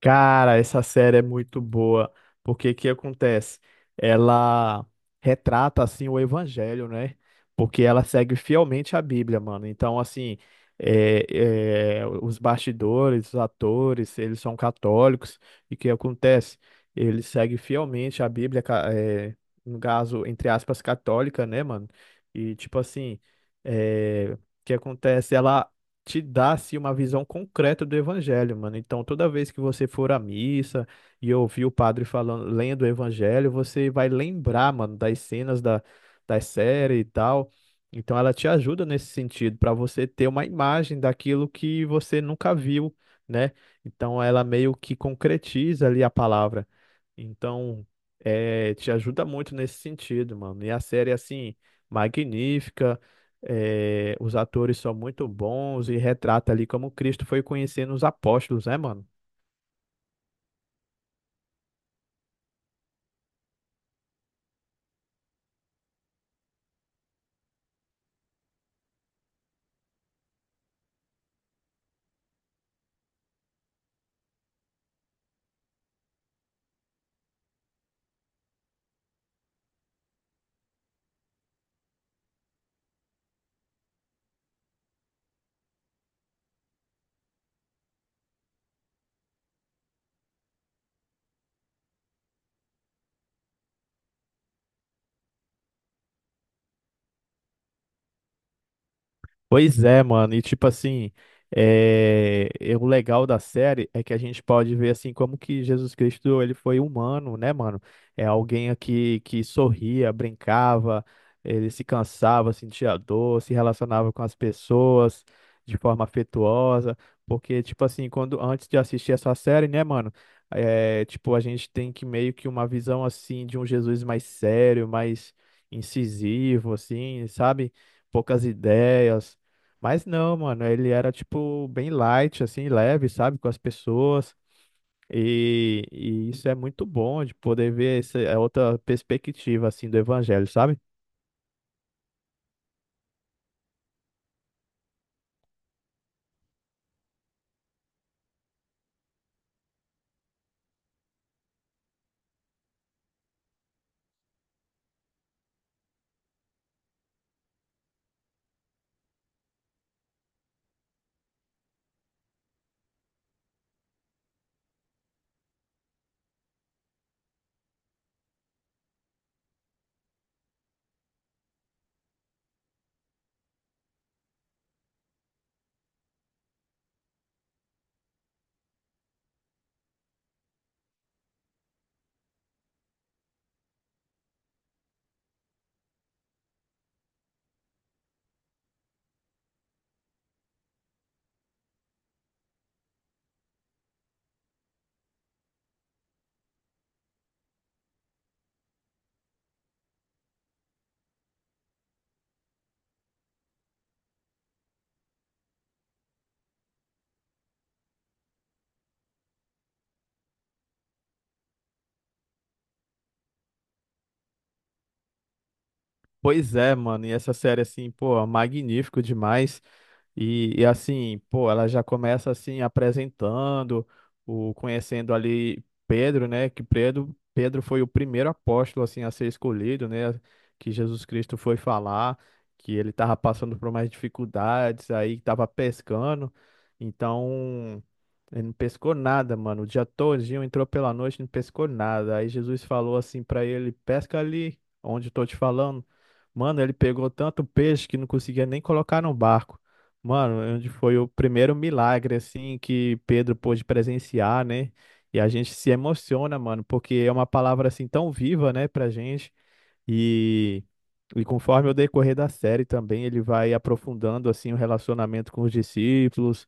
Cara, essa série é muito boa, porque o que acontece? Ela retrata, assim, o evangelho, né? Porque ela segue fielmente a Bíblia, mano. Então, assim, os bastidores, os atores, eles são católicos, e o que acontece? Eles seguem fielmente a Bíblia, no caso, entre aspas, católica, né, mano? E, tipo assim, o que acontece? Te dá assim, uma visão concreta do evangelho, mano. Então, toda vez que você for à missa e ouvir o padre falando, lendo o evangelho, você vai lembrar, mano, das cenas da série e tal. Então, ela te ajuda nesse sentido, para você ter uma imagem daquilo que você nunca viu, né? Então, ela meio que concretiza ali a palavra. Então, te ajuda muito nesse sentido, mano. E a série, assim, magnífica. É, os atores são muito bons e retrata ali como Cristo foi conhecendo os apóstolos, né, mano? Pois é, mano, e tipo assim, e o legal da série é que a gente pode ver assim como que Jesus Cristo ele foi humano, né, mano? É alguém aqui que sorria, brincava, ele se cansava, sentia dor, se relacionava com as pessoas de forma afetuosa, porque tipo assim, quando antes de assistir essa série, né, mano, tipo a gente tem que meio que uma visão assim de um Jesus mais sério, mais incisivo, assim, sabe? Poucas ideias, mas não, mano, ele era tipo bem light, assim, leve, sabe, com as pessoas. E, isso é muito bom de poder ver, essa é outra perspectiva, assim, do evangelho, sabe? Pois é, mano, e essa série, assim, pô, é magnífico demais. E, assim, pô, ela já começa assim apresentando, o conhecendo ali Pedro, né? Que Pedro, foi o primeiro apóstolo assim a ser escolhido, né? Que Jesus Cristo foi falar que ele estava passando por mais dificuldades, aí estava pescando. Então, ele não pescou nada, mano. O dia todinho entrou pela noite, não pescou nada. Aí Jesus falou assim para ele: "Pesca ali onde eu tô te falando". Mano, ele pegou tanto peixe que não conseguia nem colocar no barco. Mano, onde foi o primeiro milagre, assim, que Pedro pôde presenciar, né? E a gente se emociona, mano, porque é uma palavra, assim, tão viva, né, pra gente. E, conforme o decorrer da série também, ele vai aprofundando, assim, o relacionamento com os discípulos,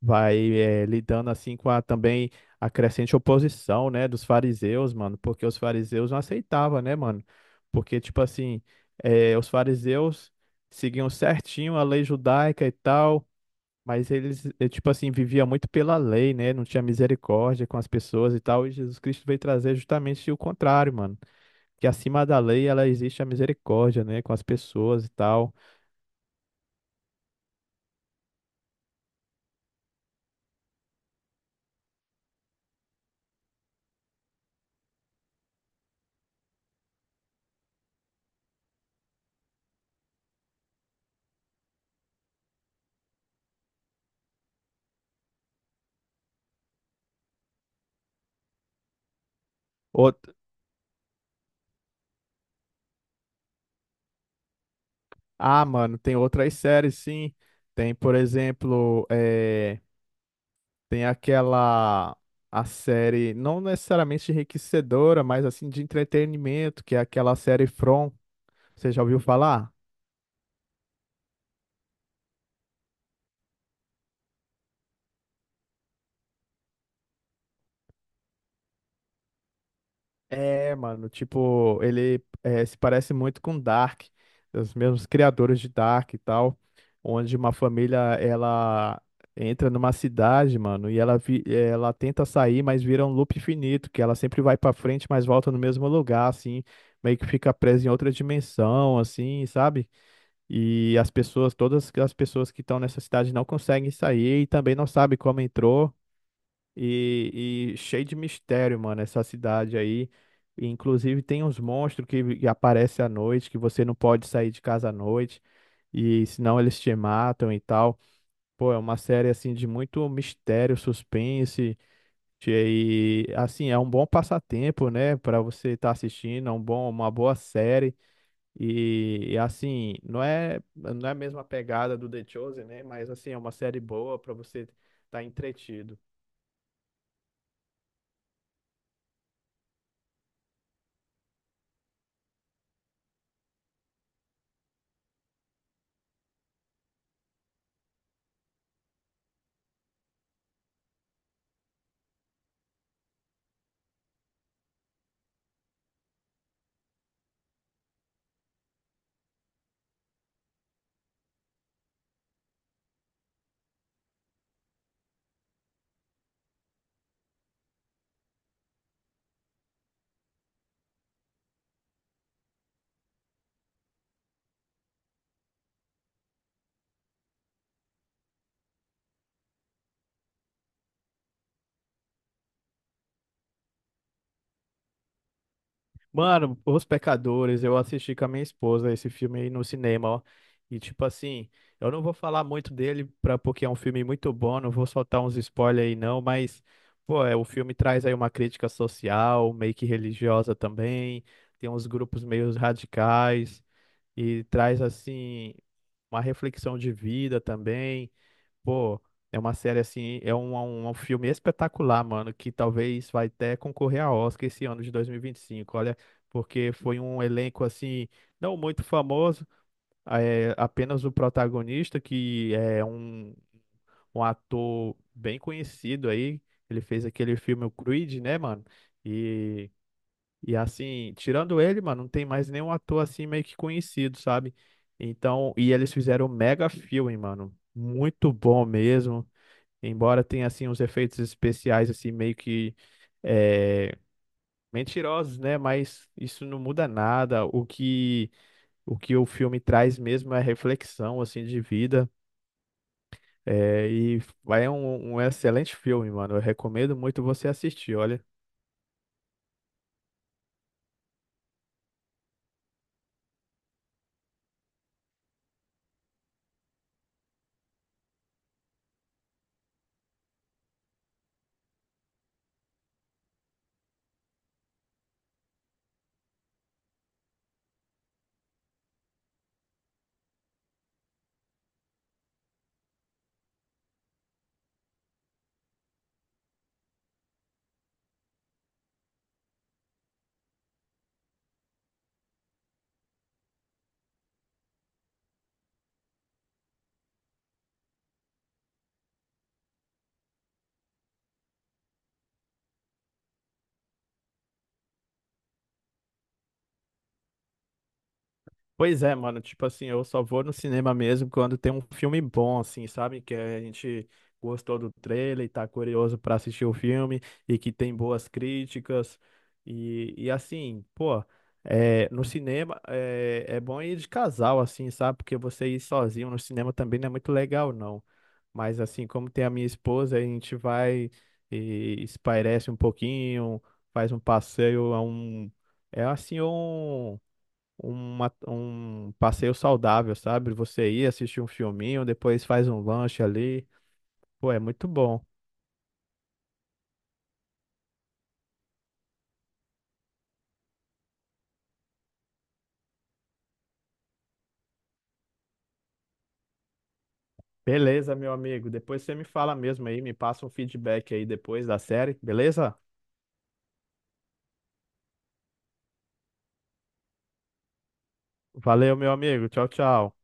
vai, lidando, assim, com a, também a crescente oposição, né, dos fariseus, mano, porque os fariseus não aceitavam, né, mano? Porque, tipo assim, os fariseus seguiam certinho a lei judaica e tal, mas eles, tipo assim, vivia muito pela lei, né? Não tinha misericórdia com as pessoas e tal. E Jesus Cristo veio trazer justamente o contrário, mano. Que acima da lei, ela existe a misericórdia, né? Com as pessoas e tal. Out... Ah, mano, tem outras séries, sim. Tem, por exemplo, tem aquela... A série, não necessariamente enriquecedora, mas assim, de entretenimento, que é aquela série From. Você já ouviu falar? É, mano, tipo, ele se parece muito com Dark, os mesmos criadores de Dark e tal, onde uma família, ela entra numa cidade, mano, e ela tenta sair, mas vira um loop infinito, que ela sempre vai pra frente, mas volta no mesmo lugar, assim, meio que fica presa em outra dimensão, assim, sabe? E as pessoas, todas as pessoas que estão nessa cidade não conseguem sair e também não sabem como entrou. E, cheio de mistério, mano, essa cidade aí. E, inclusive tem uns monstros que aparecem à noite, que você não pode sair de casa à noite, e senão eles te matam e tal. Pô, é uma série assim de muito mistério, suspense, de- e assim, é um bom passatempo, né, pra você estar assistindo, é um bom, uma boa série. E, assim, não é a mesma pegada do The Chosen, né, mas assim, é uma série boa pra você estar entretido. Mano, Os Pecadores, eu assisti com a minha esposa esse filme aí no cinema, ó. E tipo assim, eu não vou falar muito dele pra, porque é um filme muito bom, não vou soltar uns spoilers aí não, mas, pô, o filme traz aí uma crítica social, meio que religiosa também, tem uns grupos meio radicais, e traz assim, uma reflexão de vida também. Pô, é uma série assim, um filme espetacular, mano, que talvez vai até concorrer a Oscar esse ano de 2025, olha, porque foi um elenco assim, não muito famoso, apenas o protagonista, que é um ator bem conhecido aí, ele fez aquele filme o Creed, né, mano, e, assim, tirando ele, mano, não tem mais nenhum ator assim meio que conhecido, sabe? Então, e eles fizeram um mega filme, mano, muito bom mesmo. Embora tenha assim uns efeitos especiais assim meio que é, mentirosos, né? Mas isso não muda nada. O que o filme traz mesmo é reflexão assim de vida. É, e vai é um excelente filme, mano. Eu recomendo muito você assistir, olha. Pois é, mano, tipo assim, eu só vou no cinema mesmo quando tem um filme bom, assim, sabe? Que a gente gostou do trailer e tá curioso pra assistir o filme e que tem boas críticas. E, assim, pô, no cinema é bom ir de casal, assim, sabe? Porque você ir sozinho no cinema também não é muito legal, não. Mas assim, como tem a minha esposa, a gente vai e espairece um pouquinho, faz um passeio a um. É assim, um passeio saudável, sabe? Você ir assistir um filminho, depois faz um lanche ali. Pô, é muito bom. Beleza, meu amigo. Depois você me fala mesmo aí, me passa um feedback aí depois da série, beleza? Valeu, meu amigo. Tchau, tchau.